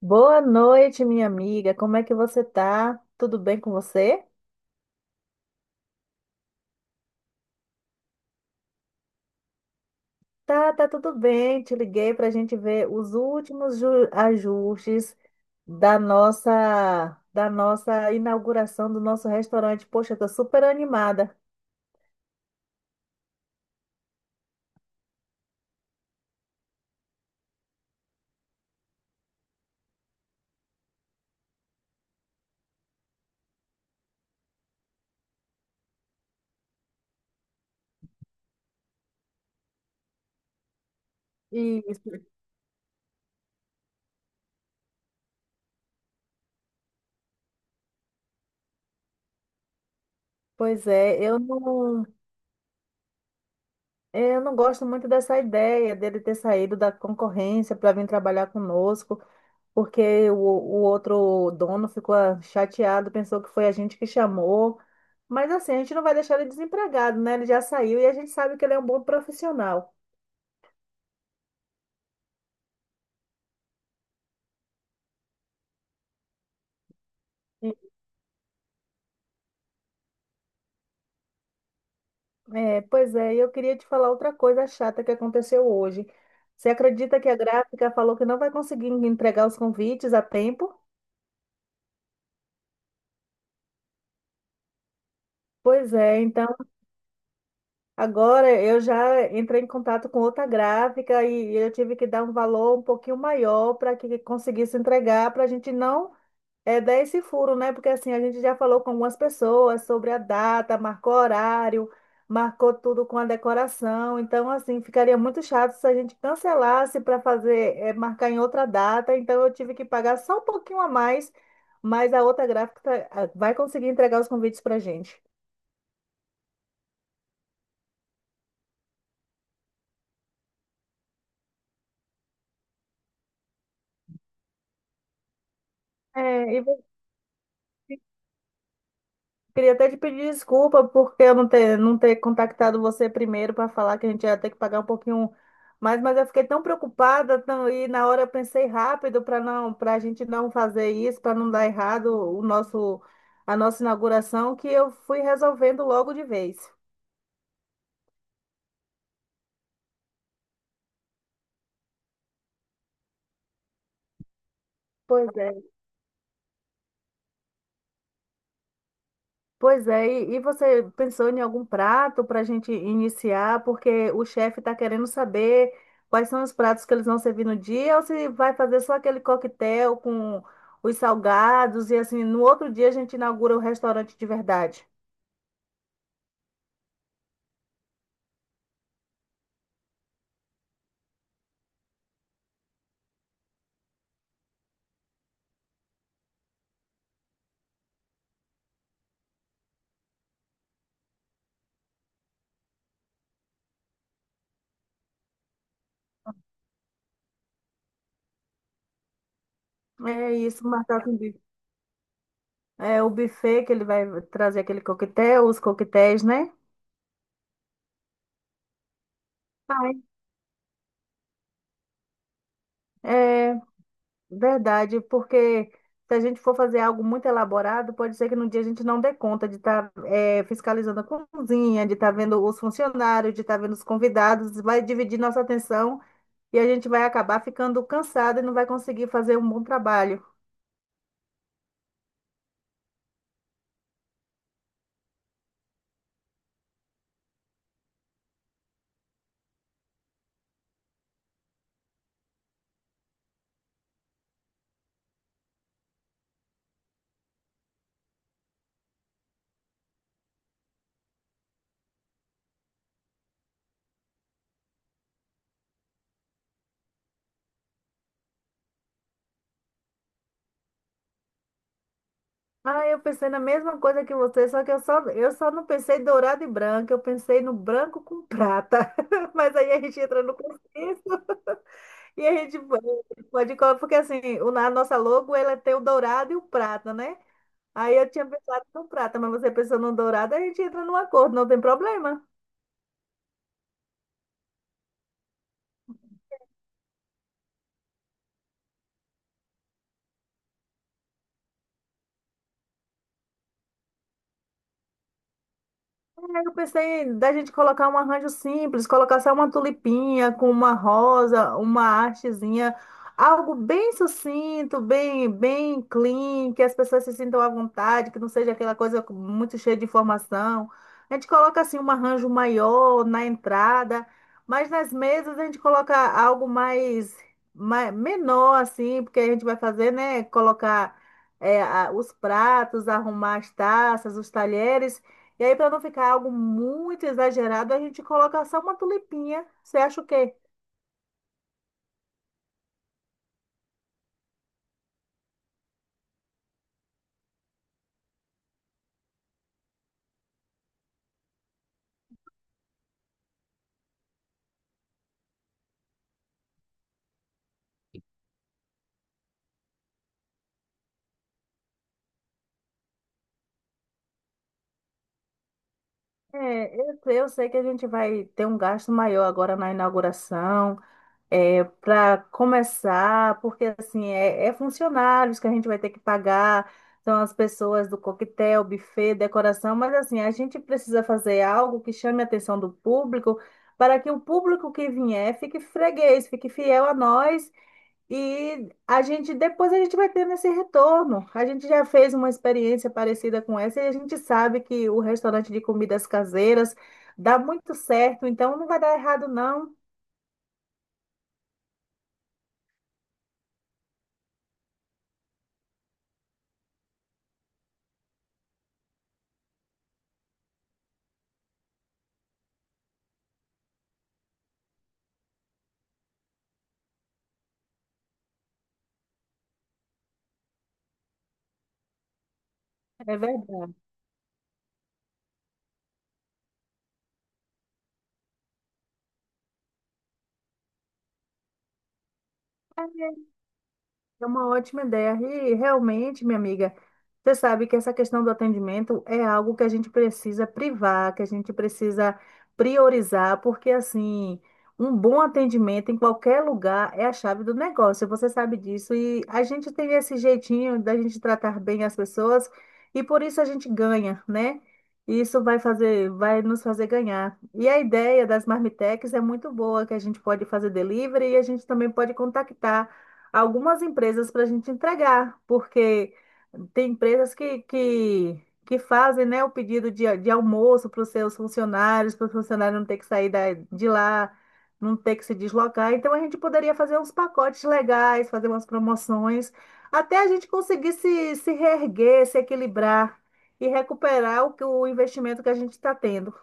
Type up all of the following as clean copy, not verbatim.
Boa noite, minha amiga. Como é que você tá? Tudo bem com você? Tá, tudo bem. Te liguei para a gente ver os últimos ajustes da nossa inauguração do nosso restaurante. Poxa, eu tô super animada. Isso. Pois é, eu não gosto muito dessa ideia dele ter saído da concorrência para vir trabalhar conosco, porque o outro dono ficou chateado, pensou que foi a gente que chamou. Mas assim, a gente não vai deixar ele desempregado, né? Ele já saiu e a gente sabe que ele é um bom profissional. E- É, pois é, e eu queria te falar outra coisa chata que aconteceu hoje. Você acredita que a gráfica falou que não vai conseguir entregar os convites a tempo? Pois é, então agora eu já entrei em contato com outra gráfica e eu tive que dar um valor um pouquinho maior para que conseguisse entregar, para a gente não dar esse furo, né? Porque assim, a gente já falou com algumas pessoas sobre a data, marcou horário, marcou tudo com a decoração. Então, assim, ficaria muito chato se a gente cancelasse para fazer, marcar em outra data. Então, eu tive que pagar só um pouquinho a mais, mas a outra gráfica vai conseguir entregar os convites para a gente. É, e você Queria até te pedir desculpa porque eu não ter contactado você primeiro para falar que a gente ia ter que pagar um pouquinho mais, mas eu fiquei tão preocupada e na hora eu pensei rápido para a gente não fazer isso, para não dar errado o nosso, a nossa inauguração, que eu fui resolvendo logo de vez. Pois é. Pois é, e você pensou em algum prato para a gente iniciar? Porque o chefe está querendo saber quais são os pratos que eles vão servir no dia, ou se vai fazer só aquele coquetel com os salgados, e assim, no outro dia a gente inaugura o restaurante de verdade. É isso, marcar com o o buffet que ele vai trazer aquele coquetel, os coquetéis, né? Ai. Verdade, porque se a gente for fazer algo muito elaborado, pode ser que no dia a gente não dê conta de estar fiscalizando a cozinha, de estar vendo os funcionários, de estar vendo os convidados, vai dividir nossa atenção e a gente vai acabar ficando cansado e não vai conseguir fazer um bom trabalho. Ah, eu pensei na mesma coisa que você, só que eu só não pensei em dourado e branco, eu pensei no branco com prata. Mas aí a gente entra no consenso. E a gente pode colocar, porque assim, a nossa logo ela tem o dourado e o prata, né? Aí eu tinha pensado no prata, mas você pensou no dourado, a gente entra num acordo, não tem problema. Aí eu pensei da gente colocar um arranjo simples, colocar só uma tulipinha com uma rosa, uma hastezinha, algo bem sucinto, bem clean, que as pessoas se sintam à vontade, que não seja aquela coisa muito cheia de informação. A gente coloca assim um arranjo maior na entrada, mas nas mesas a gente coloca mais menor assim, porque a gente vai fazer, né? Colocar os pratos, arrumar as taças, os talheres. E aí, para não ficar algo muito exagerado, a gente coloca só uma tulipinha. Você acha o quê? É, eu sei que a gente vai ter um gasto maior agora na inauguração, para começar, porque assim, é funcionários que a gente vai ter que pagar, são as pessoas do coquetel, buffet, decoração, mas assim, a gente precisa fazer algo que chame a atenção do público, para que o público que vier fique freguês, fique fiel a nós. E a gente vai tendo esse retorno. A gente já fez uma experiência parecida com essa e a gente sabe que o restaurante de comidas caseiras dá muito certo, então não vai dar errado, não. É verdade. É uma ótima ideia. E realmente, minha amiga, você sabe que essa questão do atendimento é algo que a gente precisa priorizar, porque assim, um bom atendimento em qualquer lugar é a chave do negócio. Você sabe disso. E a gente tem esse jeitinho da gente tratar bem as pessoas e por isso a gente ganha, né? Vai nos fazer ganhar. E a ideia das marmitex é muito boa, que a gente pode fazer delivery e a gente também pode contactar algumas empresas para a gente entregar, porque tem empresas que fazem, né, o pedido de almoço para os seus funcionários, para o funcionário não ter que sair de lá, não ter que se deslocar. Então a gente poderia fazer uns pacotes legais, fazer umas promoções, até a gente conseguir se reerguer, se equilibrar e recuperar o investimento que a gente está tendo.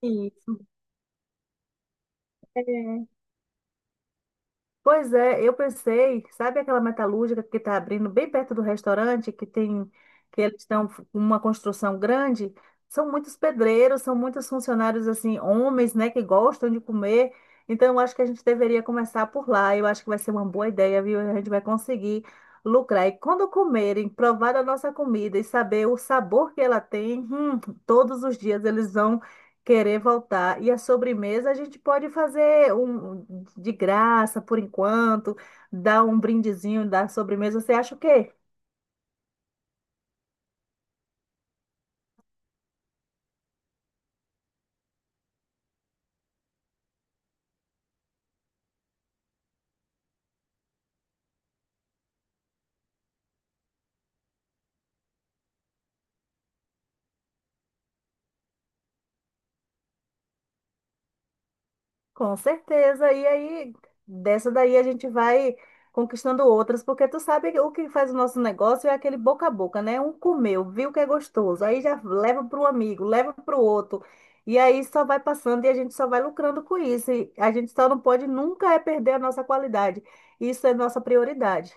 Isso. Pois é, eu pensei, sabe aquela metalúrgica que está abrindo bem perto do restaurante, que eles estão com uma construção grande? São muitos pedreiros, são muitos funcionários, assim, homens, né, que gostam de comer. Então, eu acho que a gente deveria começar por lá. Eu acho que vai ser uma boa ideia, viu? A gente vai conseguir lucrar. E quando comerem, provar a nossa comida e saber o sabor que ela tem, todos os dias eles vão. Querer voltar. E a sobremesa a gente pode fazer um de graça por enquanto, dar um brindezinho da sobremesa. Você acha o quê? Com certeza. E aí, dessa daí a gente vai conquistando outras, porque tu sabe que o que faz o nosso negócio é aquele boca a boca, né? Um comeu, viu que é gostoso, aí já leva para o amigo, leva para o outro. E aí só vai passando e a gente só vai lucrando com isso. E a gente só não pode nunca é perder a nossa qualidade. Isso é nossa prioridade.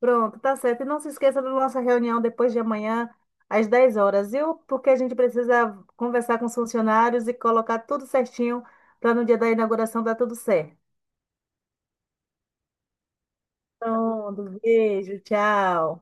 Pronto, tá certo. E não se esqueça da nossa reunião depois de amanhã, às 10 horas, viu? Porque a gente precisa conversar com os funcionários e colocar tudo certinho para no dia da inauguração dar tudo certo. Pronto, beijo, tchau.